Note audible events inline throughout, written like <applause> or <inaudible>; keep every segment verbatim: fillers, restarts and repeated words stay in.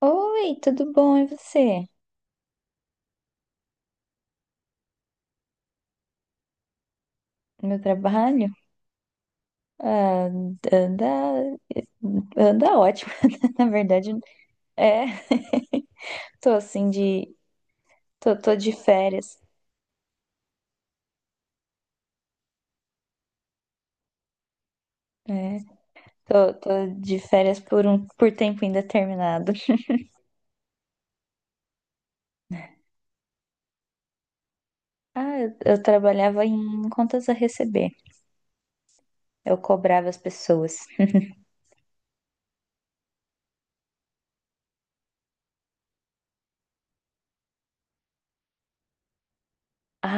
Oi, tudo bom? E você? Meu trabalho? Ah, anda, anda ótimo, <laughs> na verdade. É, tô assim de, tô, tô de férias, né? Tô, tô de férias por um, por tempo indeterminado. Ah, eu, eu trabalhava em contas a receber. Eu cobrava as pessoas.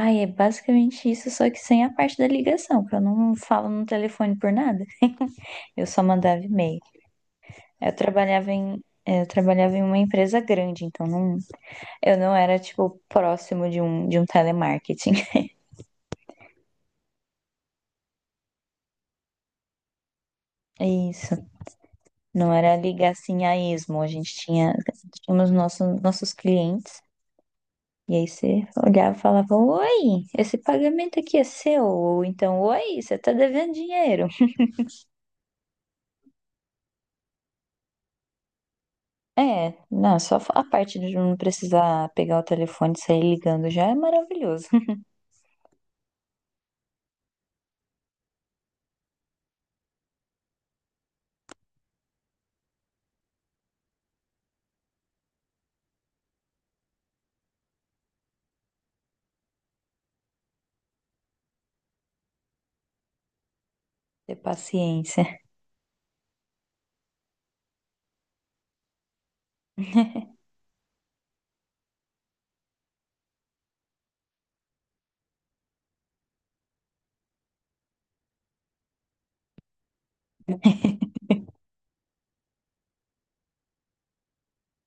Ai, é basicamente isso, só que sem a parte da ligação, que eu não falo no telefone por nada. Eu só mandava e-mail. Eu trabalhava em, eu trabalhava em uma empresa grande, então não, eu não era, tipo, próximo de um, de um telemarketing. <laughs> É isso. Não era ligar assim a esmo. A gente tinha, tínhamos nossos, nossos clientes. E aí você olhava e falava, oi, esse pagamento aqui é seu, ou então, oi, você tá devendo dinheiro. É, não, só a parte de não precisar pegar o telefone e sair ligando já é maravilhoso. <laughs> Ter paciência.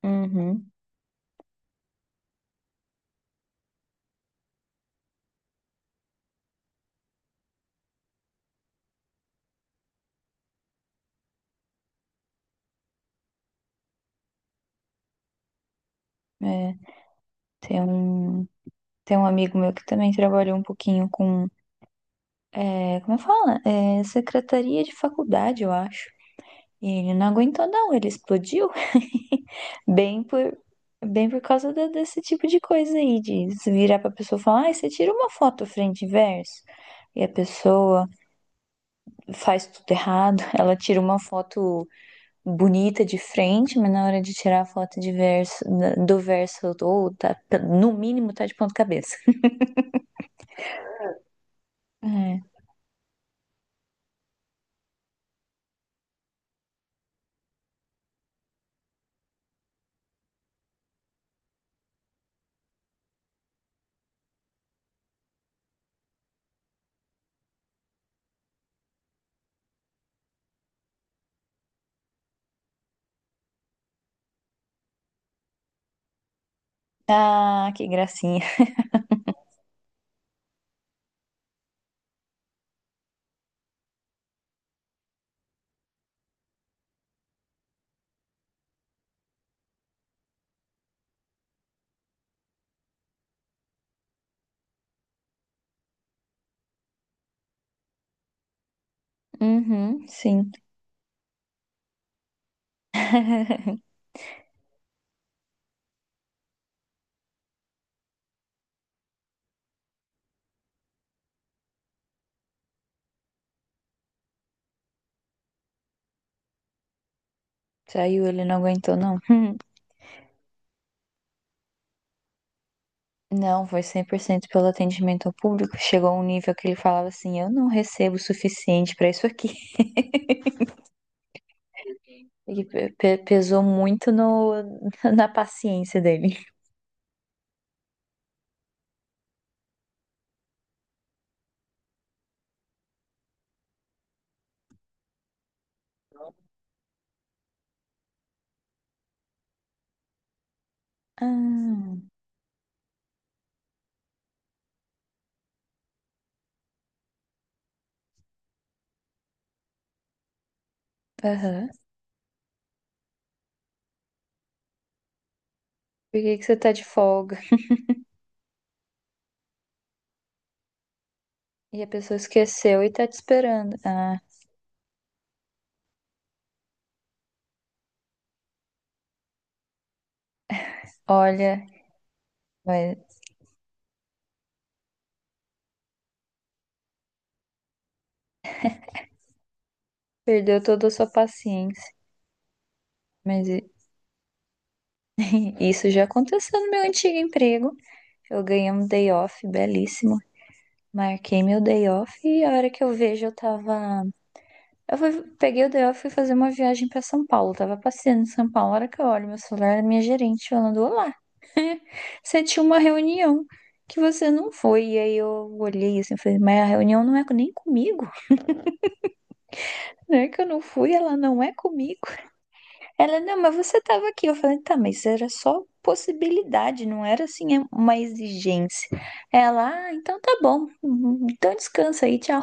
Uhum, é, ter um, tem um amigo meu que também trabalhou um pouquinho com, é, como fala? É, secretaria de faculdade, eu acho. E ele não aguentou, não, ele explodiu. <laughs> Bem por, bem por causa da- desse tipo de coisa aí, de se virar pra pessoa e falar, ah, você tira uma foto frente e verso. E a pessoa faz tudo errado, <laughs> ela tira uma foto bonita de frente, mas na hora de tirar a foto de verso, do verso, ou tá, no mínimo tá de ponta cabeça. É. Ah, que gracinha. Uhum, sim. Saiu, ele não aguentou, não. <laughs> Não, foi cem por cento pelo atendimento ao público. Chegou a um nível que ele falava assim: eu não recebo o suficiente pra isso aqui. <laughs> E pe- pe- pesou muito no, <laughs> na paciência dele. Ah, aham. Por que que você tá de folga? E a pessoa esqueceu e tá te esperando. Ah, olha, vai- perdeu toda a sua paciência. Mas i- isso já aconteceu no meu antigo emprego. Eu ganhei um day off belíssimo. Marquei meu day off e a hora que eu vejo eu tava. Eu fui, peguei o day off e fui fazer uma viagem pra São Paulo. Tava passeando em São Paulo. A hora que eu olho meu celular, era minha gerente falando: Olá, você tinha uma reunião que você não foi. E aí eu olhei assim e falei: Mas a reunião não é nem comigo. Não é que eu não fui, ela não é comigo. Ela: Não, mas você tava aqui. Eu falei: Tá, mas era só possibilidade, não era assim é uma exigência. Ela: Ah, então tá bom. Então descansa aí, tchau.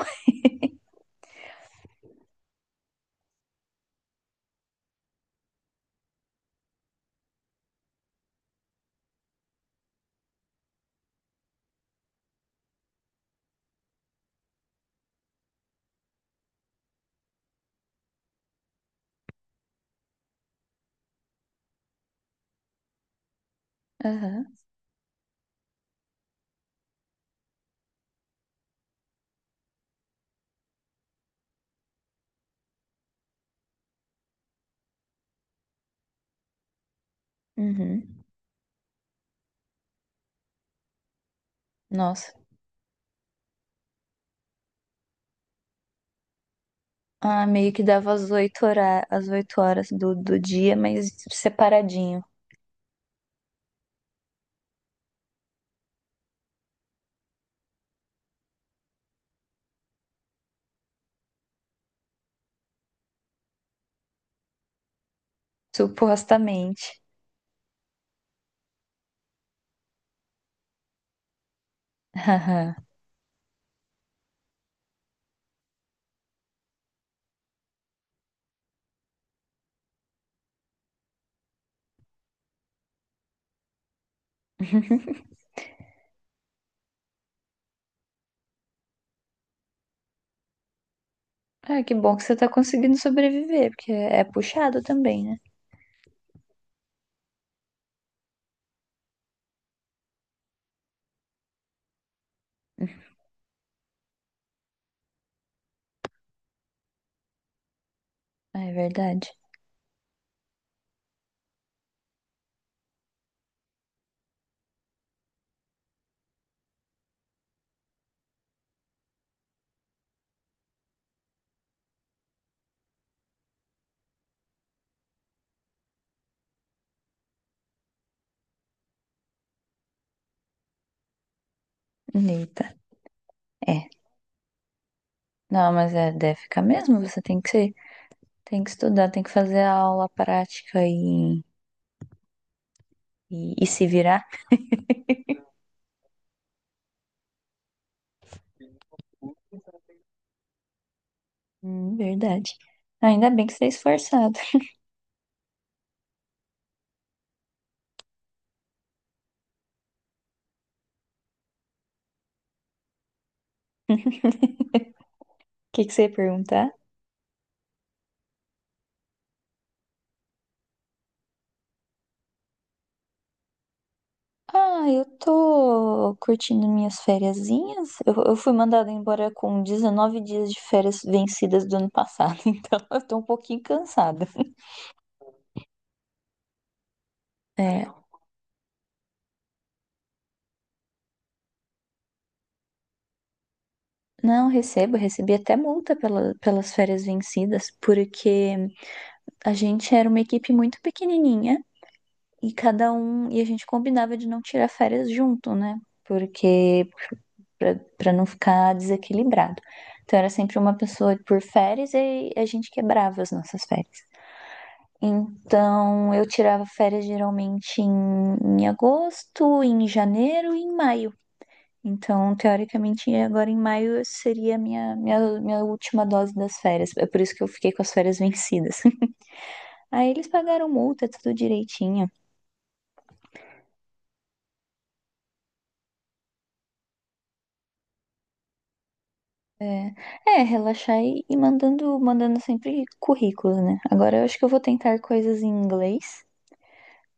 Aham, uhum. Nossa. Ah, meio que dava às oito horas, às oito horas do, do dia, mas separadinho, supostamente. Haha. <laughs> Ah, que bom que você tá conseguindo sobreviver, porque é, é puxado também, né? Ah, é verdade. Eita, é. Não, mas é, deve ficar mesmo, você tem que ser, tem que estudar, tem que fazer a aula prática e, e, e se virar. Hum, verdade. Ainda bem que você é esforçado. <laughs> O que que você ia perguntar? Ah, eu tô curtindo minhas fériasinhas. Eu, eu fui mandada embora com dezenove dias de férias vencidas do ano passado, <laughs> então eu tô um pouquinho cansada. É, não, recebo, recebi até multa pela- pelas férias vencidas, porque a gente era uma equipe muito pequenininha e cada um, e a gente combinava de não tirar férias junto, né? Porque pra pra não ficar desequilibrado. Então era sempre uma pessoa por férias e a gente quebrava as nossas férias. Então, eu tirava férias geralmente em, em agosto, em janeiro e em maio. Então, teoricamente, agora em maio seria a minha, minha, minha última dose das férias. É por isso que eu fiquei com as férias vencidas. <laughs> Aí eles pagaram multa, tudo direitinho. É, é, relaxar e, e mandando, mandando sempre currículo, né? Agora eu acho que eu vou tentar coisas em inglês.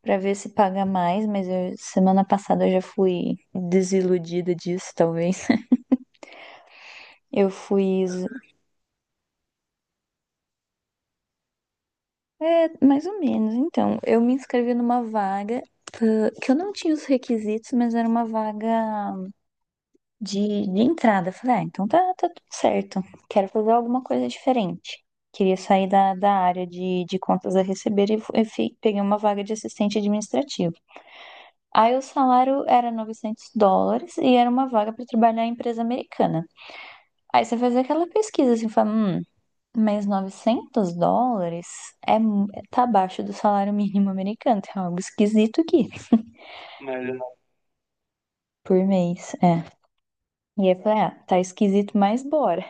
Pra ver se paga mais, mas eu- semana passada eu já fui desiludida disso, talvez. <laughs> Eu fui É, mais ou menos. Então, eu me inscrevi numa vaga ah, que eu não tinha os requisitos, mas era uma vaga de, de entrada. Eu falei, ah, então tá, tá tudo certo. Quero fazer alguma coisa diferente. Queria sair da, da área de, de contas a receber e, fu- e fi- peguei uma vaga de assistente administrativo. Aí o salário era novecentos dólares e era uma vaga para trabalhar em empresa americana. Aí você faz aquela pesquisa assim, fala, hum, mas novecentos dólares é, mu- tá abaixo do salário mínimo americano. Tem algo esquisito aqui, né? Por mês, é. E aí eu falei, ah, tá esquisito, mas bora.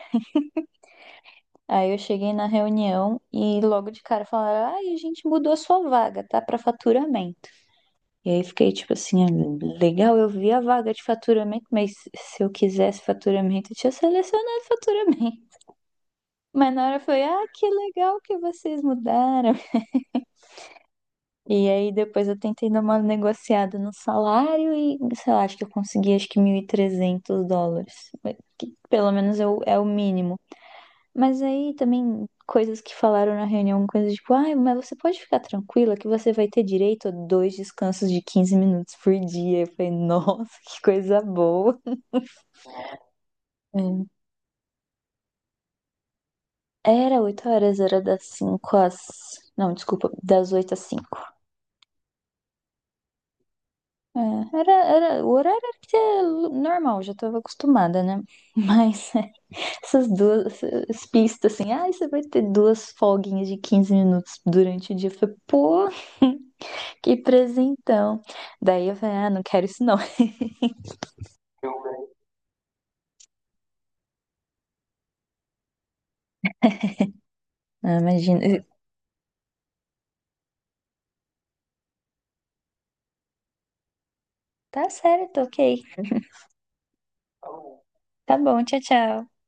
Aí eu cheguei na reunião e logo de cara falaram, ah, e a gente mudou a sua vaga, tá? Pra faturamento. E aí fiquei tipo assim, ah, legal, eu vi a vaga de faturamento, mas se eu quisesse faturamento, eu tinha selecionado faturamento. Mas na hora eu falei, ah, que legal que vocês mudaram. E aí depois eu tentei dar uma negociada no salário e, sei lá, acho que eu consegui acho que mil e trezentos dólares. Que pelo menos é o, é o, mínimo. Mas aí também coisas que falaram na reunião, coisas tipo, ai, mas você pode ficar tranquila que você vai ter direito a dois descansos de quinze minutos por dia. Eu falei, nossa, <laughs> que coisa boa. É. Era oito horas, era das cinco às... Não, desculpa, das oito às cinco. É, era, era, o horário era que é normal, já estava acostumada, né? Mas <laughs> essas duas essas pistas assim, ah, você vai ter duas folguinhas de quinze minutos durante o dia. Eu falei, pô, <laughs> que presentão. Daí eu falei, ah, não quero isso não. <laughs> Ah, imagina. Tá certo, ok. Tá bom, tchau, tchau.